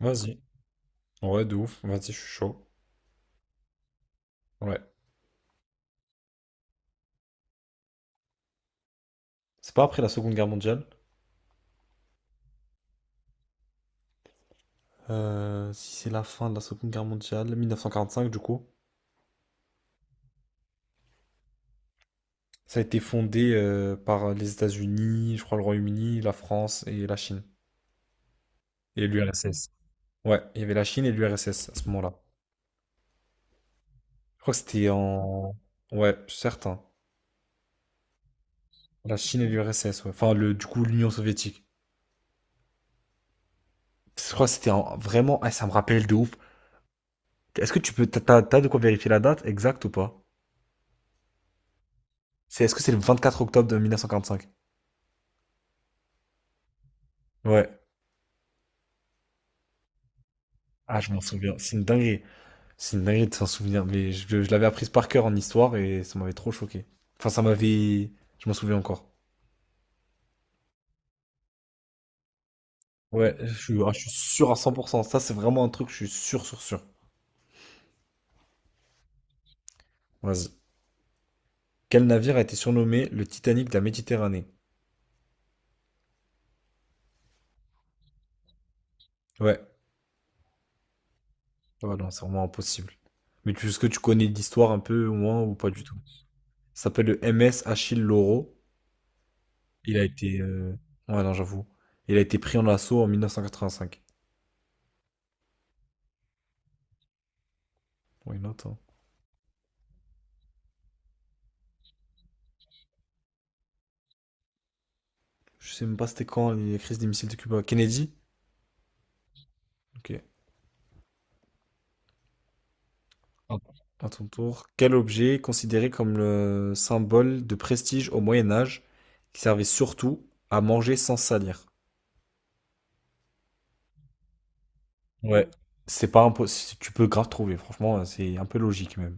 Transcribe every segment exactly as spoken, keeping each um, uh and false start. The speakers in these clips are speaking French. Vas-y. Ouais, de ouf. Vas-y, je suis chaud. Ouais. C'est pas après la Seconde Guerre mondiale. Euh, si c'est la fin de la Seconde Guerre mondiale, mille neuf cent quarante-cinq du coup. Ça a été fondé euh, par euh, les États-Unis, je crois le Royaume-Uni, la France et la Chine. Et l'U R S S. Ouais, il y avait la Chine et l'U R S S à ce moment-là. Je crois que c'était en... Ouais, je suis certain. La Chine et l'U R S S, ouais. Enfin, le, du coup, l'Union soviétique. Je crois que c'était en- vraiment... Ah, ça me rappelle de ouf. Est-ce que tu peux... T'as, t'as- t'as de quoi vérifier la date exacte ou pas? C'est, est-ce que c'est le vingt-quatre octobre de mille neuf cent quarante-cinq? Ouais. Ah, je m'en souviens. C'est une dinguerie. C'est une dinguerie de s'en souvenir. Mais je, je l'avais apprise par cœur en histoire et ça m'avait trop choqué. Enfin, ça m'avait. Je m'en souviens encore. Ouais, je suis, ah, je suis sûr à cent pour cent. Ça, c'est vraiment un truc, je suis sûr, sûr, sûr. Vas-y. Quel navire a été surnommé le Titanic de la Méditerranée? Ouais. Ouais, non, c'est vraiment impossible. Mais tu, est-ce que tu connais l'histoire un peu, au moins, ou pas du tout? Ça s'appelle le M S Achille Lauro. Il a été. euh, Ouais, non, j'avoue. Il a été pris en assaut en mille neuf cent quatre-vingt-cinq. Ouais, non, attends. Je sais même pas c'était quand les crises des missiles de Cuba. Kennedy? Ok. Ah, à ton tour. Quel objet est considéré comme le symbole de prestige au Moyen Âge qui servait surtout à manger sans salir? Ouais. C'est pas impossible. Tu peux grave trouver. Franchement, c'est un peu logique même.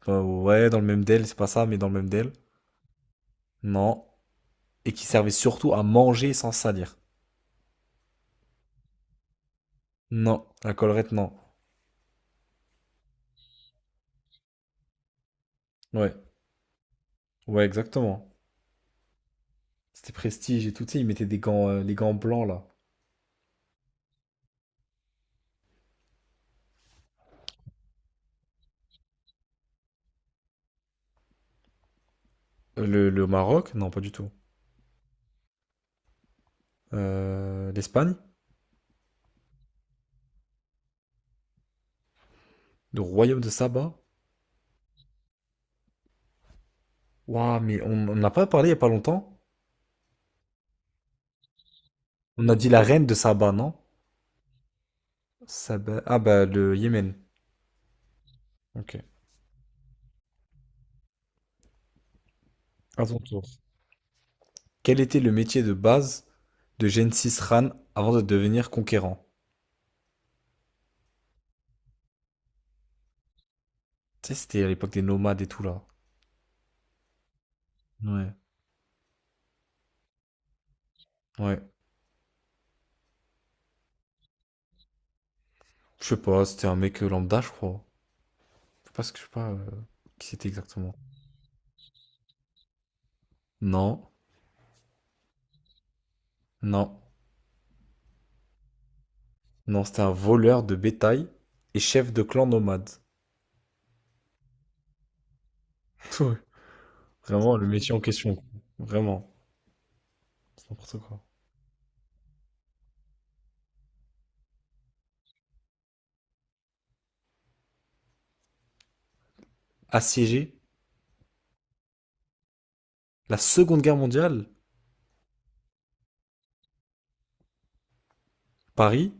Enfin, ouais, dans le même D E L, c'est pas ça, mais dans le même D E L. Non. Et qui servait surtout à manger sans salir. Non. La collerette, non. Ouais. Ouais, exactement. C'était prestige et tout. Tu sais, ils mettaient des gants, euh, les gants blancs là. Euh, Le, le Maroc? Non, pas du tout. euh, L'Espagne, le royaume de Saba. Waouh, mais on n'a pas parlé il n'y a pas longtemps. On a dit la reine de Saba, non? Saba... Ah bah le Yémen. Ok. À ton tour. Quel était le métier de base de Gengis Khan avant de devenir conquérant? Tu sais, c'était à l'époque des nomades et tout là. Ouais. Ouais. Je sais pas, c'était un mec euh, lambda, je crois. Je sais pas ce que je sais pas euh, qui c'était exactement. Non, non, non, c'était un voleur de bétail et chef de clan nomade. Ouais. Vraiment le métier en question. Quoi. Vraiment. C'est n'importe quoi. Assiégé. La Seconde Guerre mondiale, Paris,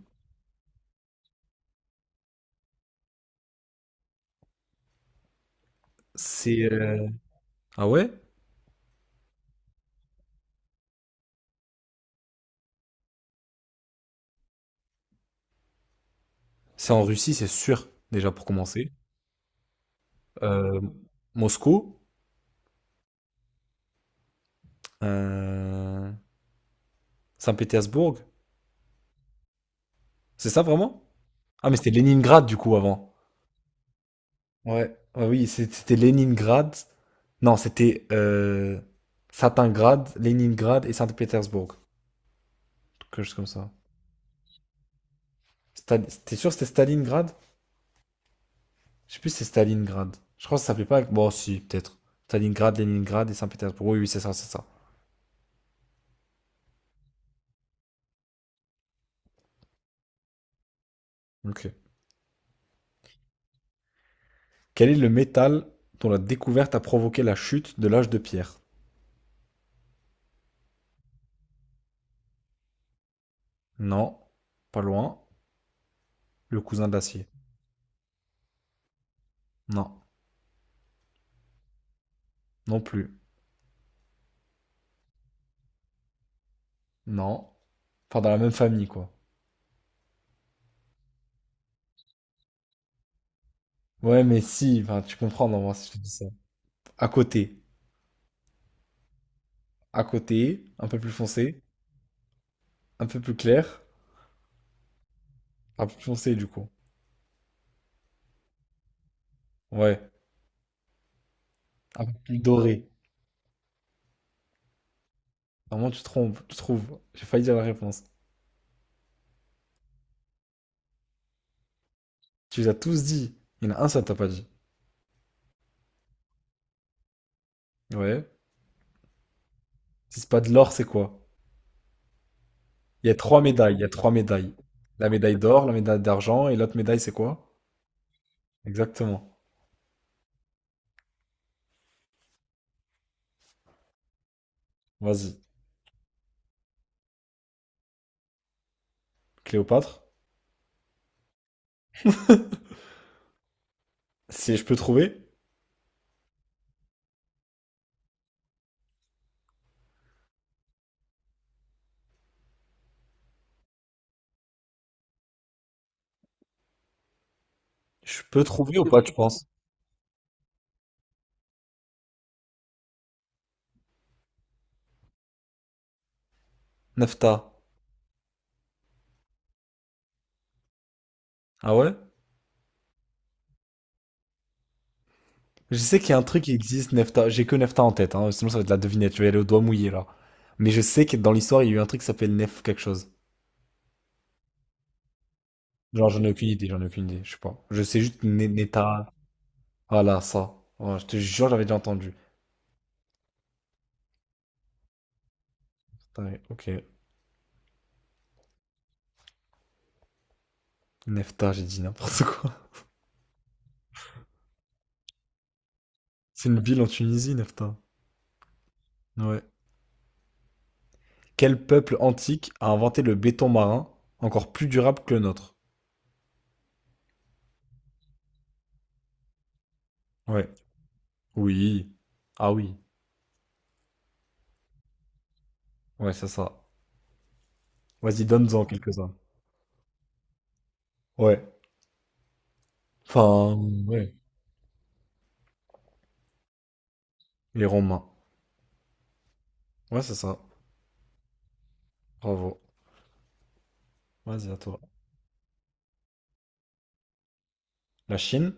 c'est... euh, Ah ouais? C'est en Russie, c'est sûr, déjà pour commencer. Euh, Moscou, euh, Saint-Pétersbourg, c'est ça vraiment? Ah mais c'était Leningrad du coup avant. Ouais, ouais, oui, c'est- c'était Leningrad. Non, c'était euh, Stalingrad, Leningrad et Saint-Pétersbourg. Quelque chose comme ça. Stal- T'es sûr que c'était Stalingrad? Je sais plus si c'est Stalingrad. Je crois que ça s'appelait pas. Bon, si, peut-être. Stalingrad, Leningrad et Saint-Pétersbourg. Oui, oui, c'est ça, c'est ça. Ok. Quel est le métal dont la découverte a provoqué la chute de l'âge de pierre. Non. Pas loin. Le cousin de l'acier. Non. Non plus. Non. Enfin, dans la même famille, quoi. Ouais, mais si, enfin, tu comprends, non, moi, si je te dis ça. À côté. À côté, un peu plus foncé, un peu plus clair, un peu plus foncé, du coup. Ouais, un peu plus doré. Normalement, tu te trompes, tu trouves. J'ai failli dire la réponse. Tu les as tous dit. Il y en a un, ça t'a pas dit. Ouais. Si c'est pas de l'or, c'est quoi? Il y a trois médailles. Il y a trois médailles. La médaille d'or, la médaille d'argent et l'autre médaille, c'est quoi? Exactement. Vas-y. Cléopâtre. Si je peux trouver, je peux trouver ou pas, tu penses? Nefta. Ah ouais? Je sais qu'il y a un truc qui existe, Nefta. J'ai que Nefta en tête, hein. Sinon, ça va être de la devinette. Je vais aller au doigt mouillé, là. Mais je sais que dans l'histoire, il y a eu un truc qui s'appelle Nef quelque chose. Genre, j'en ai aucune idée, j'en ai aucune idée. Je sais pas. Je sais juste Neta. Voilà, ça. Ouais, je te jure, j'avais déjà entendu. Taï OK. Nefta, j'ai dit n'importe quoi. C'est une ville en Tunisie, Nefta? Ouais. Quel peuple antique a inventé le béton marin, encore plus durable que le nôtre? Ouais. Oui. Ah oui. Ouais, c'est ça. Vas-y, donne-en quelques-uns. Ouais. Enfin, ouais. Les Romains. Ouais, c'est ça. Bravo. Vas-y, à toi. La Chine?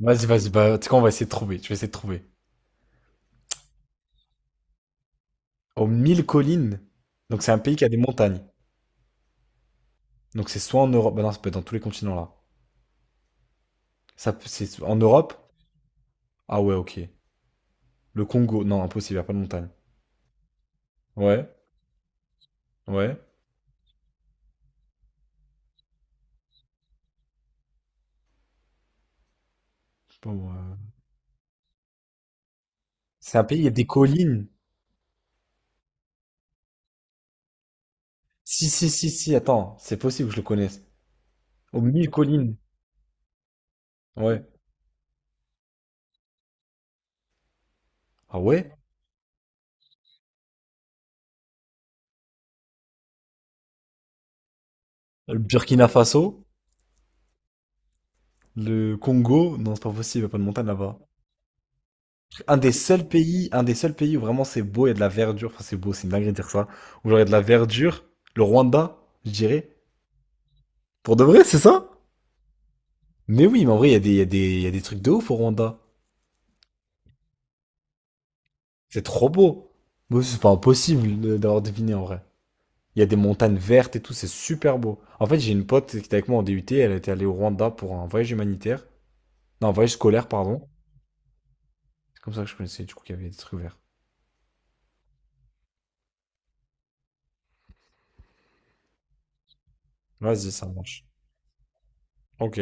Vas-y, vas-y. Bah, tu sais quoi, on va essayer de trouver. Je vais essayer de trouver. Aux mille collines. Donc, c'est un pays qui a des montagnes. Donc, c'est soit en Europe. Bah, non, ça peut être dans tous les continents là. Ça, peut- c'est en Europe? Ah ouais, ok. Le Congo. Non, impossible, il n'y a pas de montagne. Ouais, ouais. Je sais pas, moi. C'est un pays, il y a des collines. Si, si, si, si, attends, c'est possible que je le connaisse. Au milieu collines. Ouais. Ah ouais? Le Burkina Faso, le Congo, non, c'est pas possible, il n'y a pas de montagne là-bas. Un des seuls pays, un des seuls pays où vraiment c'est beau, il y a de la verdure. Enfin, c'est beau, c'est une dinguerie de dire ça. Où genre il y a de la verdure, le Rwanda, je dirais. Pour de vrai, c'est ça? Mais oui, mais en vrai, il y a des, il y a des, il y a des trucs de ouf au Rwanda. C'est trop beau. Mais c'est pas impossible de- d'avoir deviné en vrai. Il y a des montagnes vertes et tout, c'est super beau. En fait, j'ai une pote qui était avec moi en D U T, elle était allée au Rwanda pour un voyage humanitaire. Non, un voyage scolaire, pardon. C'est comme ça que je connaissais, du coup, qu'il y avait des trucs verts. Vas-y, ça marche. Ok.